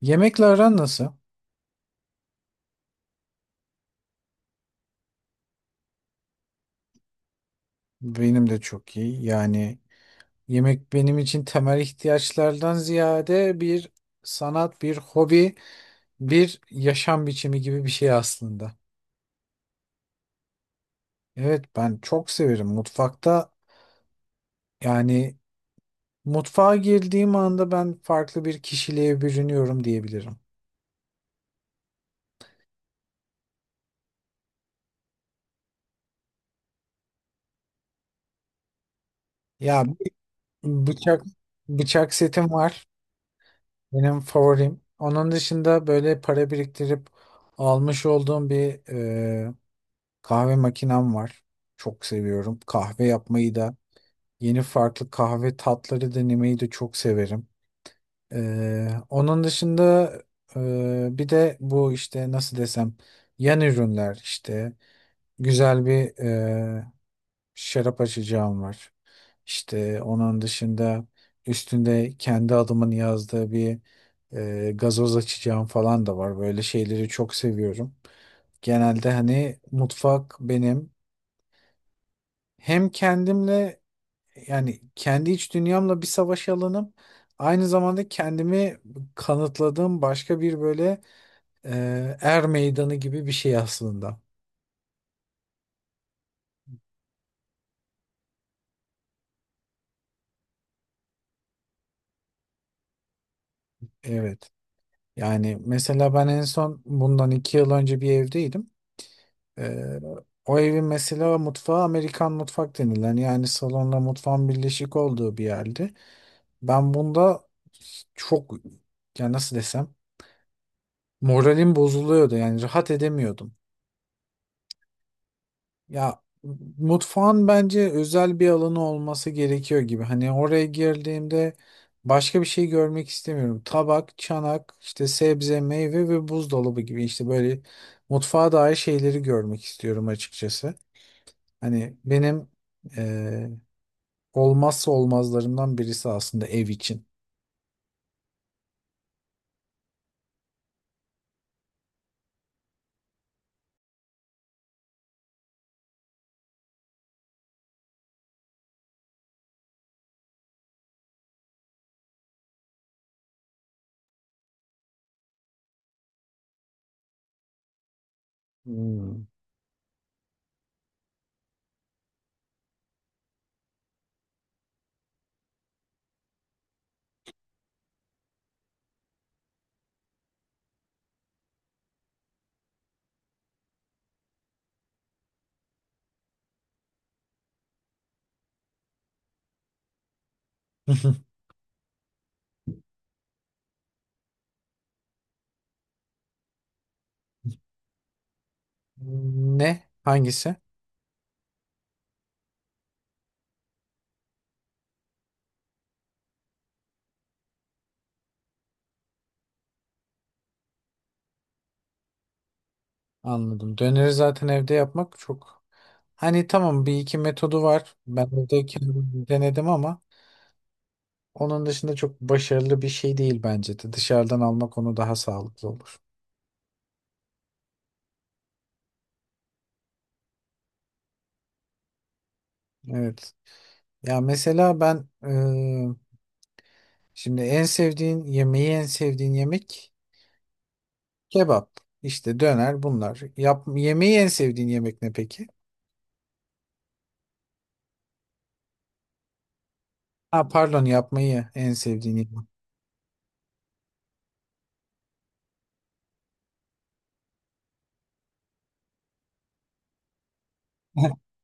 Yemekle aran nasıl? Benim de çok iyi. Yemek benim için temel ihtiyaçlardan ziyade bir sanat, bir hobi, bir yaşam biçimi gibi bir şey aslında. Evet, ben çok severim mutfakta. Yani Mutfağa girdiğim anda ben farklı bir kişiliğe bürünüyorum diyebilirim. Ya bıçak bıçak setim var. Benim favorim. Onun dışında böyle para biriktirip almış olduğum bir kahve makinem var. Çok seviyorum. Kahve yapmayı da, yeni farklı kahve tatları denemeyi de çok severim. Onun dışında bir de bu işte nasıl desem yan ürünler işte güzel bir şarap açacağım var. İşte onun dışında üstünde kendi adımın yazdığı bir gazoz açacağım falan da var. Böyle şeyleri çok seviyorum. Genelde hani mutfak benim hem kendimle, yani kendi iç dünyamla bir savaş alanım. Aynı zamanda kendimi kanıtladığım başka bir böyle er meydanı gibi bir şey aslında. Evet. Yani mesela ben en son bundan iki yıl önce bir evdeydim. E, O evin mesela mutfağı Amerikan mutfak denilen, yani salonla mutfağın birleşik olduğu bir yerdi. Ben bunda çok, ya nasıl desem, moralim bozuluyordu, yani rahat edemiyordum. Ya mutfağın bence özel bir alanı olması gerekiyor gibi. Hani oraya girdiğimde başka bir şey görmek istemiyorum. Tabak, çanak, işte sebze, meyve ve buzdolabı gibi işte böyle mutfağa dair şeyleri görmek istiyorum açıkçası. Hani benim eee, olmazsa olmazlarımdan birisi aslında ev için. Hmm. Ne? Hangisi? Anladım. Döneri zaten evde yapmak çok... Hani tamam bir iki metodu var. Ben evde kendim denedim ama onun dışında çok başarılı bir şey değil bence de. Dışarıdan almak onu daha sağlıklı olur. Evet. Ya mesela ben şimdi en sevdiğin yemeği, en sevdiğin yemek kebap. İşte döner bunlar. Yap, yemeği en sevdiğin yemek ne peki? Ha pardon, yapmayı en sevdiğin yemek.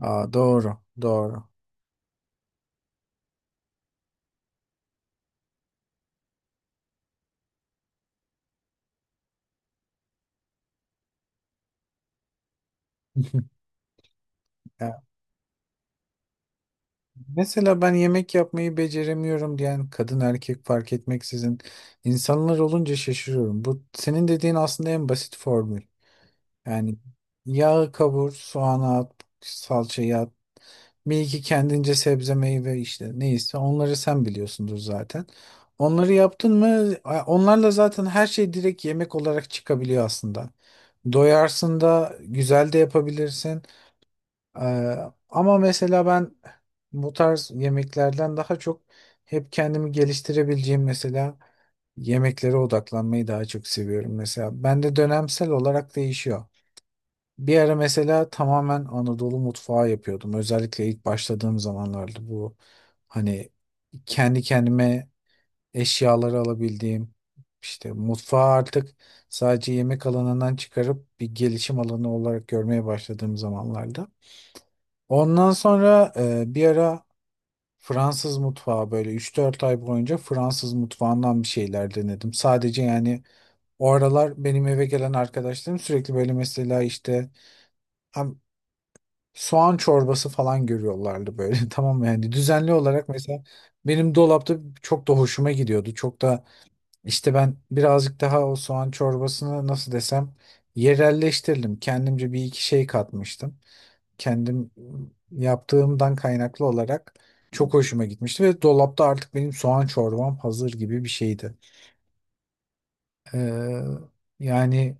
Aa, doğru. Doğru. Mesela ben yemek yapmayı beceremiyorum diyen, kadın erkek fark etmeksizin insanlar olunca şaşırıyorum. Bu senin dediğin aslında en basit formül. Yani yağı kavur, soğanı at, salçayı at. Bir iki kendince sebze meyve işte neyse onları sen biliyorsundur zaten. Onları yaptın mı onlarla zaten her şey direkt yemek olarak çıkabiliyor aslında. Doyarsın da güzel de yapabilirsin. Ee, Ama mesela ben bu tarz yemeklerden daha çok hep kendimi geliştirebileceğim mesela yemeklere odaklanmayı daha çok seviyorum. Mesela bende dönemsel olarak değişiyor. Bir ara mesela tamamen Anadolu mutfağı yapıyordum. Özellikle ilk başladığım zamanlarda, bu hani kendi kendime eşyaları alabildiğim, işte mutfağı artık sadece yemek alanından çıkarıp bir gelişim alanı olarak görmeye başladığım zamanlarda. Ondan sonra bir ara Fransız mutfağı, böyle üç dört ay boyunca Fransız mutfağından bir şeyler denedim. Sadece yani o aralar benim eve gelen arkadaşlarım sürekli böyle mesela işte hem soğan çorbası falan görüyorlardı böyle tamam mı? Yani düzenli olarak mesela benim dolapta çok da hoşuma gidiyordu. Çok da işte ben birazcık daha o soğan çorbasını nasıl desem yerelleştirdim. Kendimce bir iki şey katmıştım, kendim yaptığımdan kaynaklı olarak çok hoşuma gitmişti ve dolapta artık benim soğan çorbam hazır gibi bir şeydi. Ee, Yani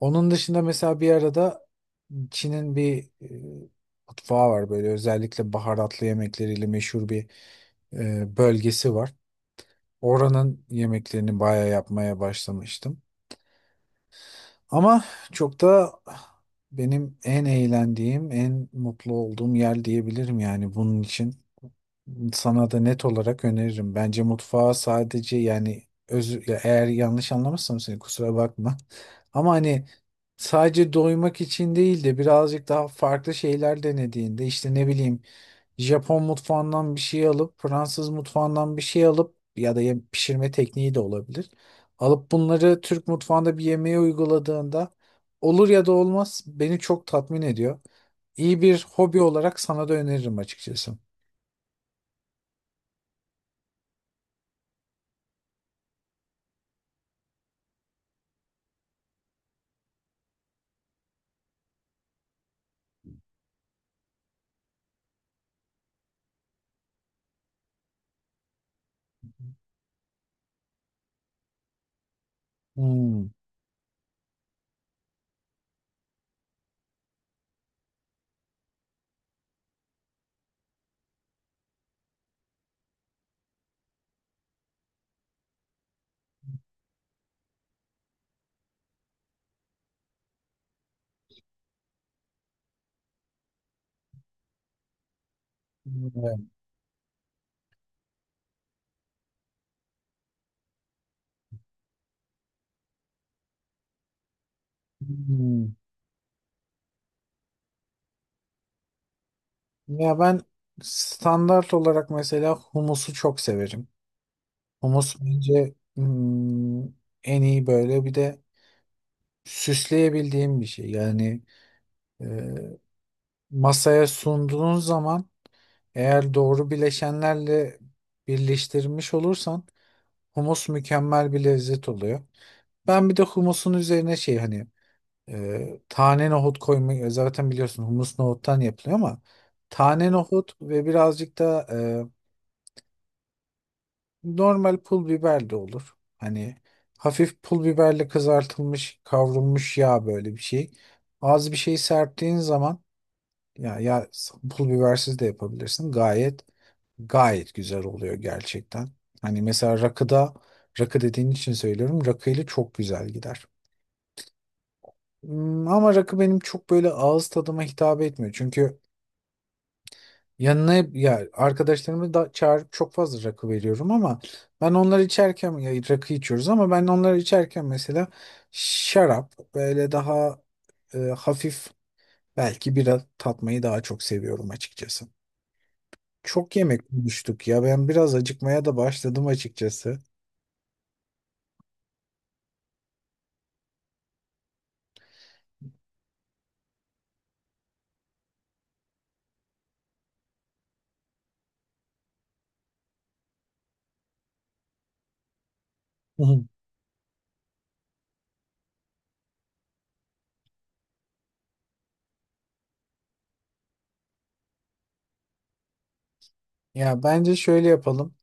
onun dışında mesela bir arada Çin'in bir mutfağı var, böyle özellikle baharatlı yemekleriyle meşhur bir bölgesi var. Oranın yemeklerini bayağı yapmaya başlamıştım. Ama çok da benim en eğlendiğim, en mutlu olduğum yer diyebilirim yani bunun için. Sana da net olarak öneririm. Bence mutfağa sadece yani özür, ya eğer yanlış anlamışsam seni kusura bakma. Ama hani sadece doymak için değil de birazcık daha farklı şeyler denediğinde işte ne bileyim Japon mutfağından bir şey alıp Fransız mutfağından bir şey alıp ya da pişirme tekniği de olabilir. Alıp bunları Türk mutfağında bir yemeğe uyguladığında olur ya da olmaz, beni çok tatmin ediyor. İyi bir hobi olarak sana da öneririm açıkçası. Hmm. Evet. Hmm. Ya ben standart olarak mesela humusu çok severim. Humus bence hmm, en iyi böyle bir de süsleyebildiğim bir şey. Yani e, masaya sunduğun zaman eğer doğru bileşenlerle birleştirmiş olursan humus mükemmel bir lezzet oluyor. Ben bir de humusun üzerine şey hani tane nohut koymayı zaten biliyorsun, humus nohuttan yapılıyor ama tane nohut ve birazcık da normal pul biber de olur. Hani hafif pul biberle kızartılmış kavrulmuş yağ, böyle bir şey. Az bir şey serptiğin zaman ya, ya pul bibersiz de yapabilirsin. Gayet güzel oluyor gerçekten. Hani mesela rakıda, rakı dediğin için söylüyorum. Rakıyla çok güzel gider. Hmm, ama rakı benim çok böyle ağız tadıma hitap etmiyor. Çünkü yanına ya arkadaşlarımı da çağırıp çok fazla rakı veriyorum ama ben onları içerken ya rakı içiyoruz ama ben onları içerken mesela şarap böyle daha hafif, belki bira tatmayı daha çok seviyorum açıkçası. Çok yemek konuştuk ya, ben biraz acıkmaya da başladım açıkçası. Hı hı. Ya bence şöyle yapalım.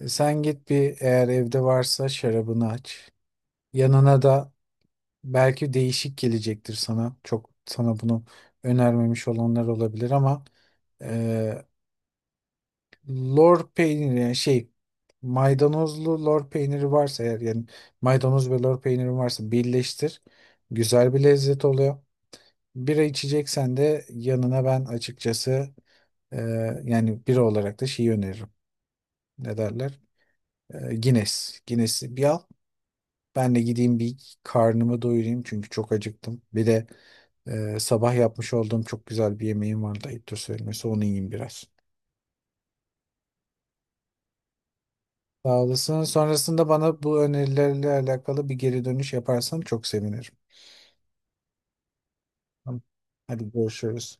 Sen git bir, eğer evde varsa şarabını aç. Yanına da belki değişik gelecektir sana. Çok sana bunu önermemiş olanlar olabilir ama e, lor peyniri, yani şey, maydanozlu lor peyniri varsa eğer, yani maydanoz ve lor peyniri varsa birleştir. Güzel bir lezzet oluyor. Bira içeceksen de yanına ben açıkçası e, yani bira olarak da şeyi öneririm. Ne derler? Guinness. Guinness'i bir al. Ben de gideyim bir karnımı doyurayım çünkü çok acıktım. Bir de sabah yapmış olduğum çok güzel bir yemeğim vardı, ayıptır söylemesi. Onu yiyeyim biraz. Sağ olasın. Sonrasında bana bu önerilerle alakalı bir geri dönüş yaparsan çok sevinirim. Tamam. Hadi görüşürüz.